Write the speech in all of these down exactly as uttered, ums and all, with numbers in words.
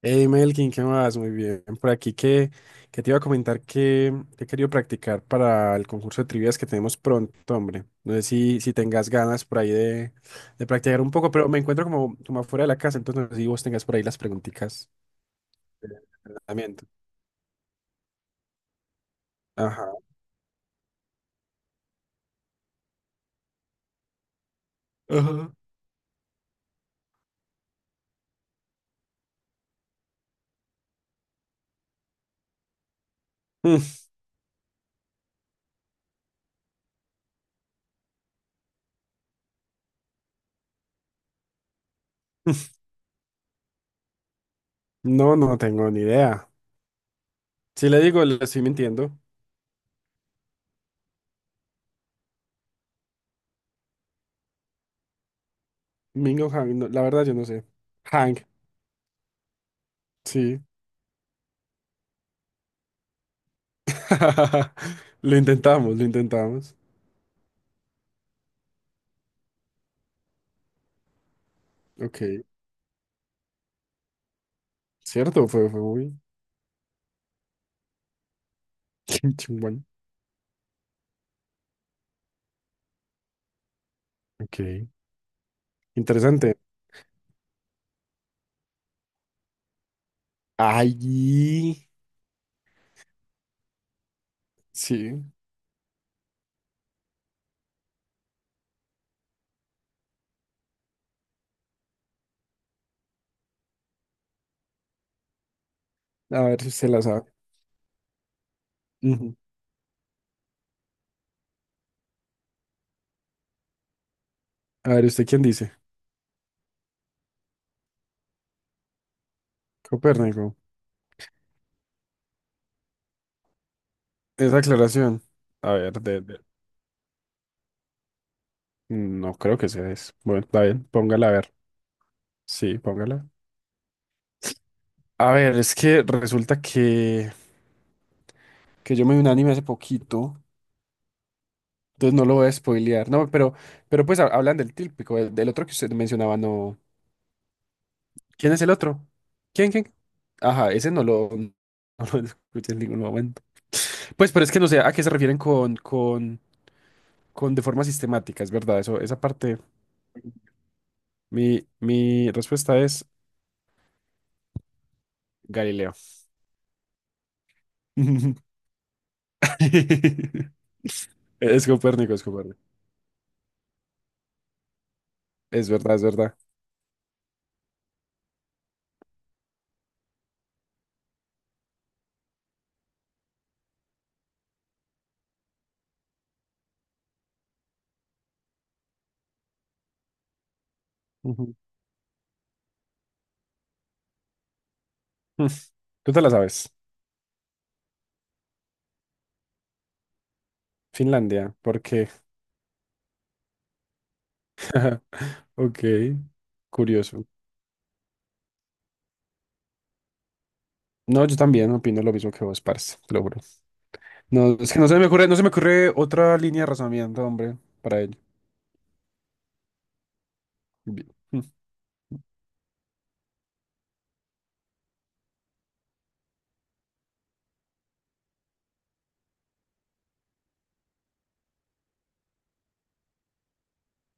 Hey Melkin, ¿qué más? Muy bien. Por aquí que, que te iba a comentar que, que he querido practicar para el concurso de trivias que tenemos pronto, hombre. No sé si, si tengas ganas por ahí de, de practicar un poco, pero me encuentro como, como afuera de la casa, entonces no sé si vos tengas por ahí las preguntitas de entrenamiento. Ajá. Ajá. Mm, No, no tengo ni idea. Si le digo, le estoy mintiendo. Mingo Hang, no, la verdad yo no sé. Hang, sí. Lo intentamos, lo intentamos. Ok, cierto, fue, fue muy... Kim Chung-won. Ok, interesante. Ay, sí. A ver si se la sabe. Ujú. A ver, ¿usted quién dice? Copérnico. Esa aclaración. A ver, de, de- no creo que sea eso. Bueno, está bien, póngala a ver. Sí, póngala. A ver, es que resulta que, que yo me vi un anime hace poquito, entonces no lo voy a spoilear. No, pero, pero pues ha- hablan del típico, del, del otro que usted mencionaba, no. ¿Quién es el otro? ¿Quién, quién? Ajá, ese no lo, no lo escuché en ningún momento. Pues, pero es que no sé a qué se refieren con, con, con de forma sistemática, es verdad. Eso, esa parte, mi, mi respuesta es Galileo. Es Copérnico, es Copérnico. Es verdad, es verdad. Ujú. Mm, Tú te la sabes. Finlandia, ¿por qué? Ok, curioso. No, yo también opino lo mismo que vos, parce, te lo juro. No, es que no se me ocurre, no se me ocurre otra línea de razonamiento, hombre, para ello. Bien. Mm,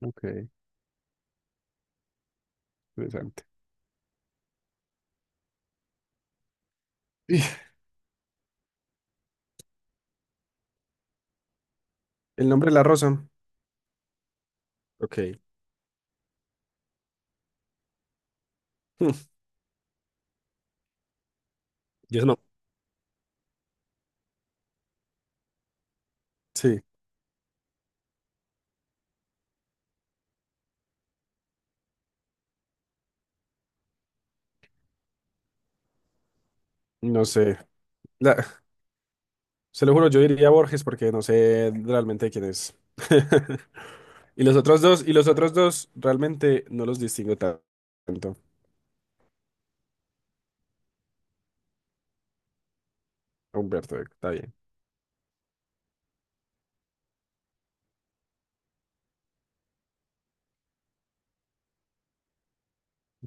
Ok, interesante. Y, el nombre de la rosa. Ok. Mm, yo eso sí, no sé. La- Se lo juro, yo diría Borges porque no sé realmente quién es. Y los otros dos, y los otros dos realmente no los distingo ta- tanto. Humberto, Eco, está bien.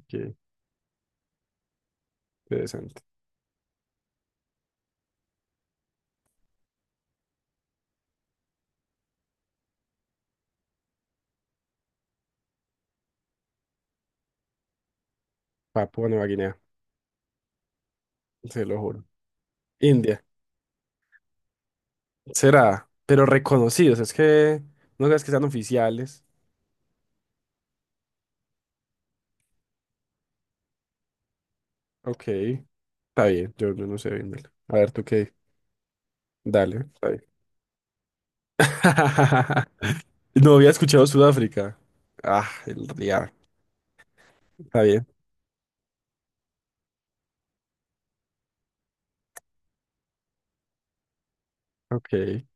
Qué interesante. Papua Nueva Guinea, se lo juro. India, será, pero reconocidos, es que no creas que sean oficiales. Ok, está bien, yo, yo no sé bien, dale. A ver, tú qué, dale, está bien. No había escuchado Sudáfrica. Ah, el día. Está bien. Ok.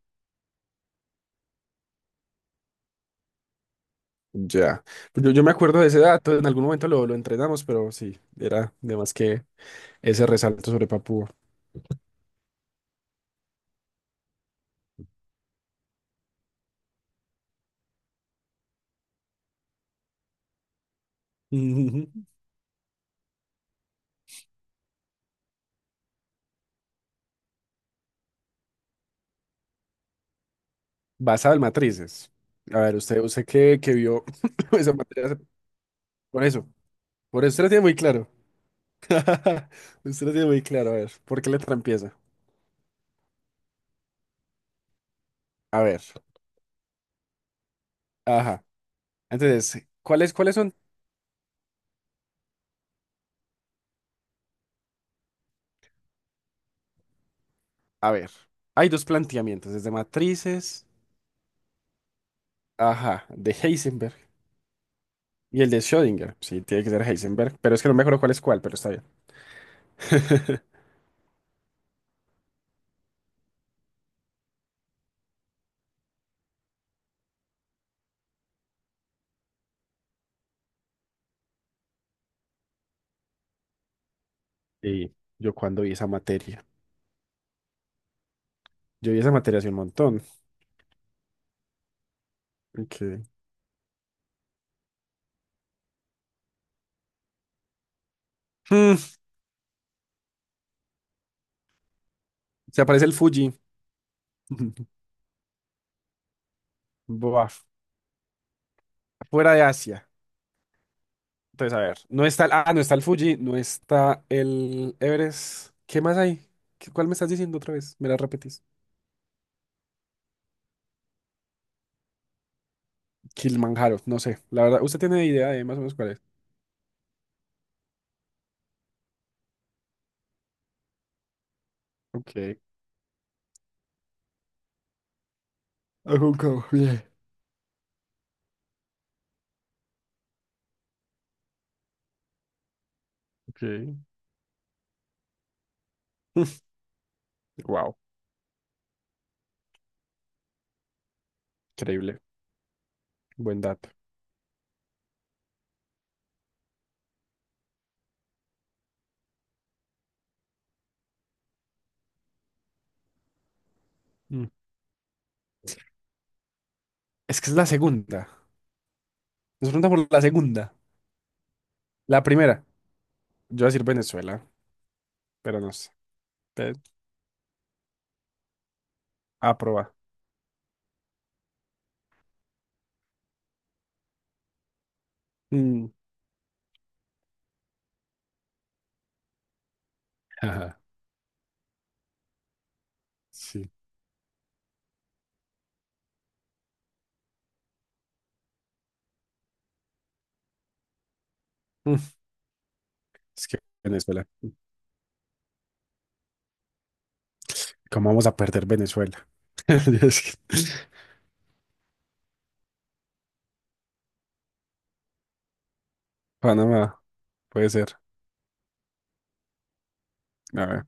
Ya. Pues Yo, yo me acuerdo de ese dato, en algún momento lo, lo entrenamos, pero sí, era de más que ese resalto sobre Papúa. Ujú. Basado en matrices. A ver, usted, usted que, que vio esa materia, hace- por eso, por eso usted lo tiene muy claro. Usted lo tiene muy claro, a ver, ¿por qué letra empieza? A ver, ajá. Entonces, ¿cuáles, cuáles son? A ver, hay dos planteamientos, desde matrices, ajá, de Heisenberg y el de Schrödinger. Sí, tiene que ser Heisenberg, pero es que no me acuerdo cuál es cuál, pero está bien. Sí, yo cuando vi esa materia. Yo vi esa materia hace un montón. Okay. Mm, se aparece el Fuji. Buah, fuera de Asia. Entonces, a ver, no está el, ah, no está el Fuji, no está el Everest. ¿Qué más hay? ¿Qué- ¿Cuál me estás diciendo otra vez? Me la repetís. Kilimanjaro, no sé. La verdad, ¿usted tiene idea de más o menos cuál es? Ok. Ajunco, bien. Ok. Wow, increíble. Buen dato. Mm. Es que es la segunda. Nos preguntan por la segunda. La primera. Yo voy a decir Venezuela, pero no sé. Aproba. Mm, ajá, sí. Mm. Es que Venezuela. ¿Cómo vamos a perder Venezuela? Es que- Panamá, puede ser. A ver.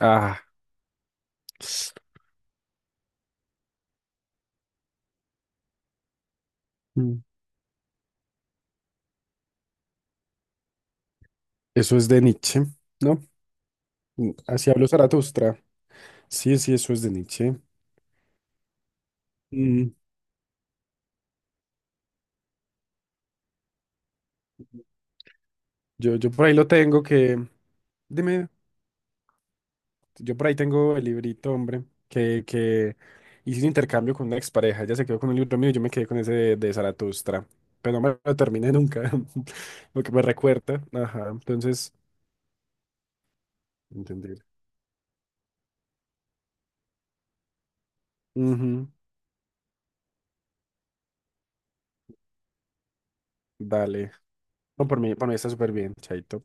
Ah, mm, eso es de Nietzsche, ¿no? Mm, Así habló Zaratustra. Sí, sí, eso es de Nietzsche. Mm. Yo, yo por ahí lo tengo que... Dime, yo por ahí tengo el librito, hombre, que, que hice un intercambio con una expareja. Ella se quedó con un libro mío y yo me quedé con ese de, de Zaratustra. Pero no me lo terminé nunca, lo que me recuerda. Ajá, entonces... Entender. Ujú, dale. No, por mí, por mí está súper bien, Chaito.